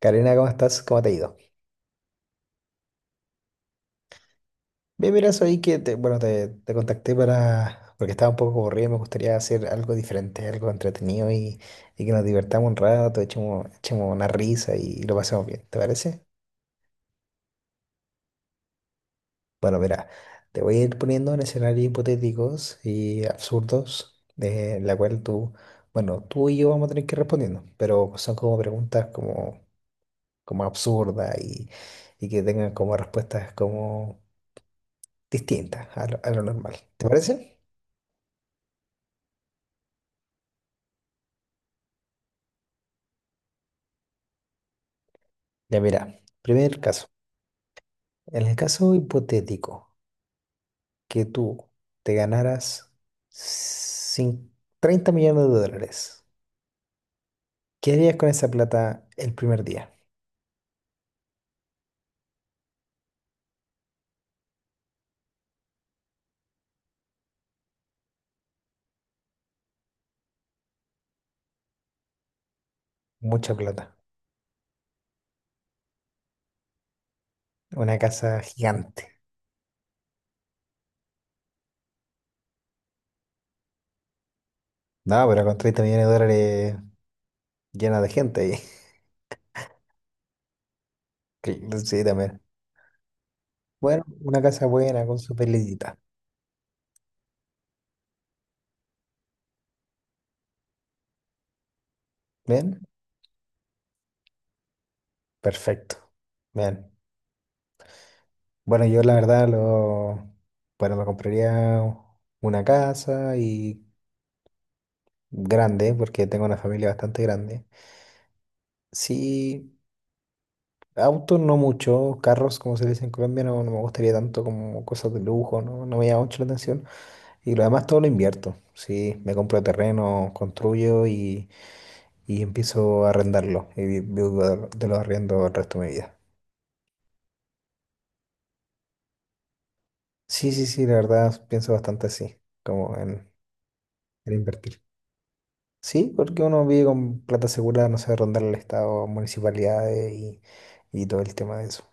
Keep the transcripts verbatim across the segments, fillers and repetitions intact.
Karina, ¿cómo estás? ¿Cómo te ha ido? Bien, mira, soy que te, bueno, te, te contacté para, porque estaba un poco aburrido y me gustaría hacer algo diferente, algo entretenido y, y que nos divertamos un rato, echemos, echemos una risa y lo pasemos bien, ¿te parece? Bueno, mira, te voy a ir poniendo en escenarios hipotéticos y absurdos, de la cual tú, bueno, tú y yo vamos a tener que ir respondiendo, pero son como preguntas como, como absurdas y, y que tengan como respuestas como distintas a lo, a lo normal, ¿te parece? Ya mira, primer caso. En el caso hipotético que tú te ganaras cin- treinta millones de dólares, ¿qué harías con esa plata el primer día? Mucha plata. Una casa gigante. No, pero con treinta millones de dólares llena de gente ahí. Cl- Sí, también. Bueno, una casa buena con su pelillita. ¿Bien? Perfecto. Bien. Bueno, yo la verdad lo... Bueno, me compraría una casa y grande, porque tengo una familia bastante grande. Sí, autos no mucho, carros, como se le dice en Colombia, no, no me gustaría tanto como cosas de lujo, no, no me llama mucho la atención. Y lo demás todo lo invierto, sí, me compro terreno, construyo y, y empiezo a arrendarlo y vi- vivo de de los arriendos el resto de mi vida. Sí, sí, sí, la verdad pienso bastante así, como en, en invertir. Sí, porque uno vive con plata segura, no sé, rondar el Estado, municipalidades y, y todo el tema de eso.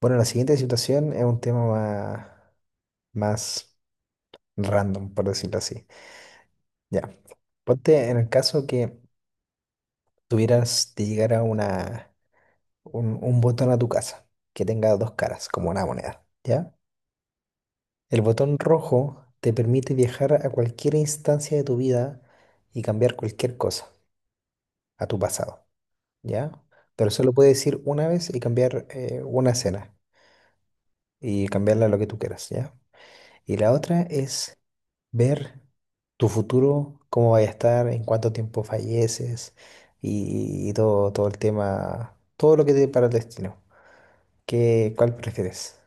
Bueno, la siguiente situación es un tema más, más random, por decirlo así. Ya, ponte en el caso que tuvieras de llegar a una, un, un botón a tu casa que tenga dos caras, como una moneda, ¿ya? El botón rojo te permite viajar a cualquier instancia de tu vida y cambiar cualquier cosa a tu pasado, ¿ya? Pero solo puedes ir una vez y cambiar eh, una escena y cambiarla a lo que tú quieras, ¿ya? Y la otra es ver tu futuro, cómo vaya a estar, en cuánto tiempo falleces y, y todo, todo el tema, todo lo que te depara el destino. ¿Qué, cuál prefieres?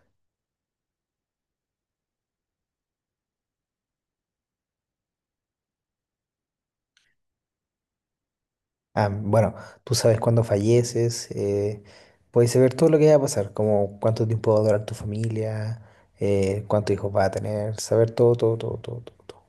Ah, bueno, tú sabes cuándo falleces, eh, puedes saber todo lo que va a pasar, como cuánto tiempo va a durar tu familia, eh, cuántos hijos va a tener, saber todo, todo, todo, todo, todo, todo.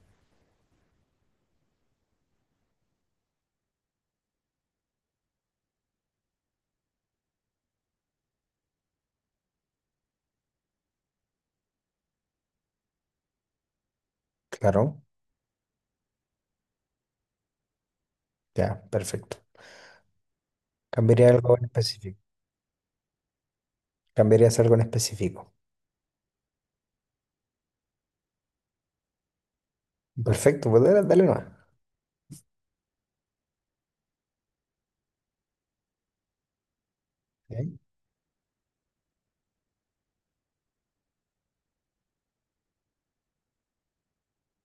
Claro, ya, perfecto. Cambiaría algo en específico. Cambiarías algo en específico. Perfecto, pues dale, dale nomás.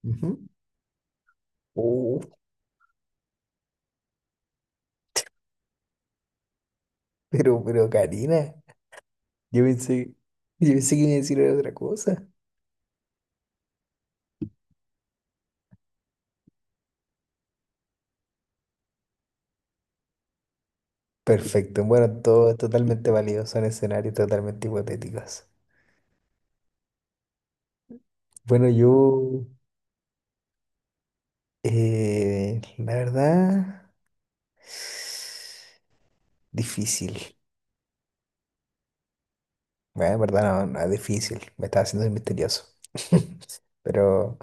Ujú. Oh, pero, pero Karina, yo pensé, yo pensé que me iba a decir otra cosa. Perfecto, bueno, todo es totalmente válido, son escenarios totalmente hipotéticos. Bueno, yo, eh, la verdad, difícil. Bueno, en verdad no, no es difícil, me estaba haciendo el misterioso. Pero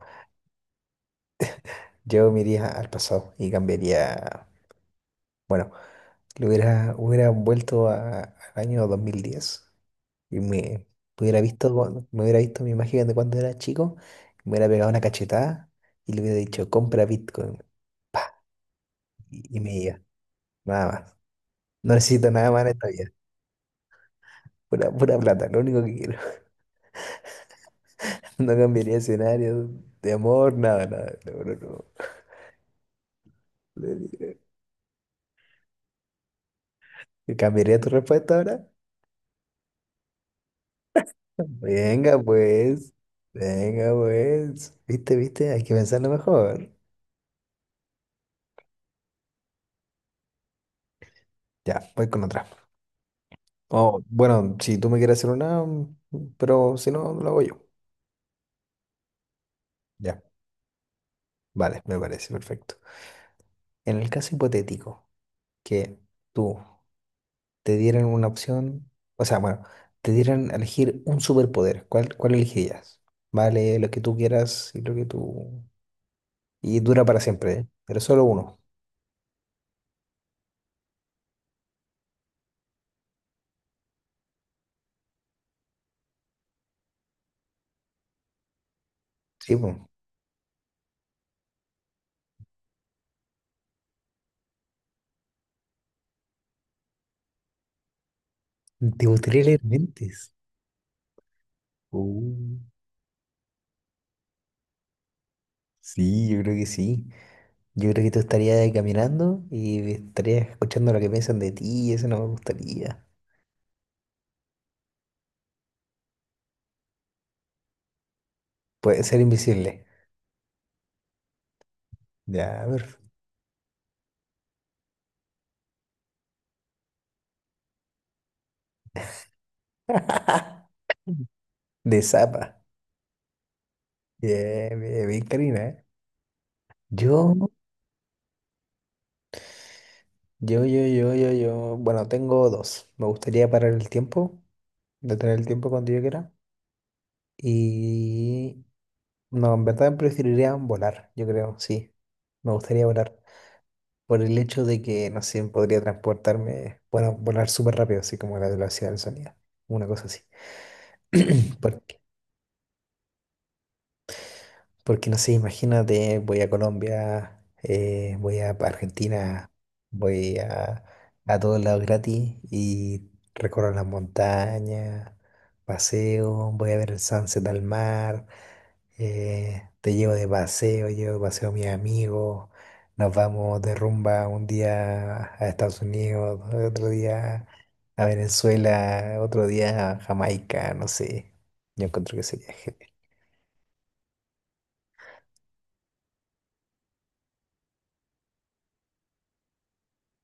yo me iría al pasado y cambiaría, bueno, lo hubiera, hubiera vuelto a- al año dos mil diez. Y me, me hubiera visto, cuando- me hubiera visto mi imagen de cuando era chico, me hubiera pegado una cachetada y le hubiera dicho, compra Bitcoin. Pa, y, y me iba, nada más. No necesito nada más en esta vida. Pura, pura plata, lo único que quiero. No cambiaría escenario de amor, nada, nada. No, no, no. Le- ¿Cambiaría tu respuesta ahora? Venga, pues. Venga, pues. ¿Viste, viste? Hay que pensarlo mejor. Ya, voy con otra. Oh, bueno, si tú me quieres hacer una, mm, pero si no, lo hago yo. Ya. Vale, me parece perfecto. En el caso hipotético que tú te dieran una opción, o sea, bueno, te dieran a elegir un superpoder, ¿cuál, cuál elegirías? Vale, lo que tú quieras y lo que tú... Y dura para siempre, ¿eh? Pero solo uno. Sí, pues. ¿Te gustaría leer mentes? Uh, sí, yo creo que sí. Yo creo que tú estarías caminando y estarías escuchando lo que piensan de ti y eso no me gustaría. Puede ser invisible. Ya, perfecto. De zapa. Bien, bien, bien, Karina, ¿eh? Yo, yo, yo, yo, yo, yo, bueno, tengo dos. Me gustaría parar el tiempo, detener el tiempo cuando yo quiera. Y no, en verdad preferiría volar, yo creo, sí. Me gustaría volar. Por el hecho de que, no sé, podría transportarme, bueno, volar súper rápido, así como a la velocidad del sonido. Una cosa así. Porque Porque no sé, imagínate, voy a Colombia, eh, voy a pa- Argentina, voy a, a todos lados gratis y recorro las montañas, paseo, voy a ver el sunset al mar, eh, te llevo de paseo, llevo de paseo a mis amigos, nos vamos de rumba un día a Estados Unidos, otro día a Venezuela, otro día a Jamaica, no sé. Yo encuentro que sería genial.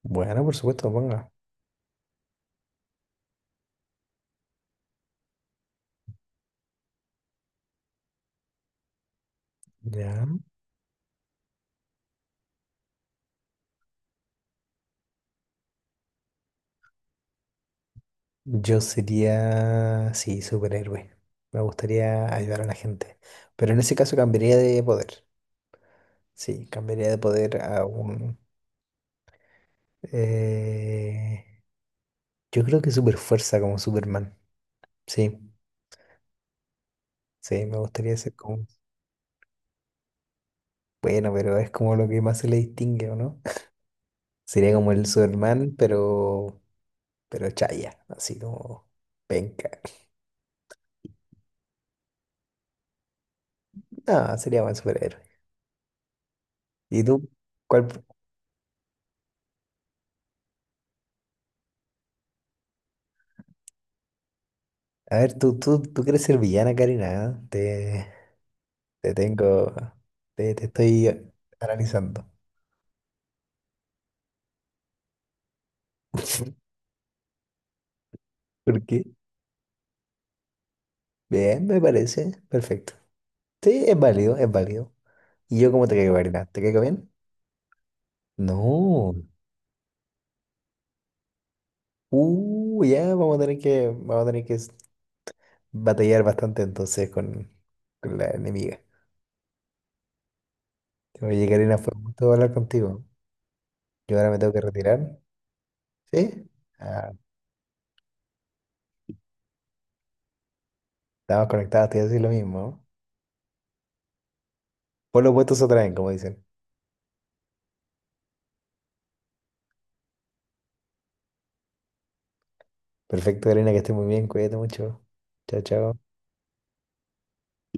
Bueno, por supuesto, ponga. Ya. Yo sería, sí, superhéroe. Me gustaría ayudar a la gente. Pero en ese caso cambiaría de poder. Sí, cambiaría de poder a un... eh, yo creo que super fuerza como Superman. Sí, sí, me gustaría ser como... Bueno, pero es como lo que más se le distingue, ¿o no? Sería como el Superman, pero... Pero chaya, así como... Penca. No, sería buen superhéroe. ¿Y tú? ¿Cuál? A ver, tú, tú, tú quieres ser villana, Karina, ¿eh? Te tengo, te, te estoy analizando. ¿Por qué? Bien, me parece. Perfecto. Sí, es válido, es válido. ¿Y yo cómo te caigo, Karina? ¿Te caigo bien? No. Uh, ya vamos a tener que, vamos a tener que s- batallar bastante entonces con, con la enemiga. Oye, Karina, fue un gusto hablar contigo. Yo ahora me tengo que retirar. ¿Sí? Ah, estamos conectados, te iba a decir lo mismo. Por lo opuestos se atraen, como dicen. Perfecto, Karina, que estés muy bien. Cuídate mucho. Chao, chao.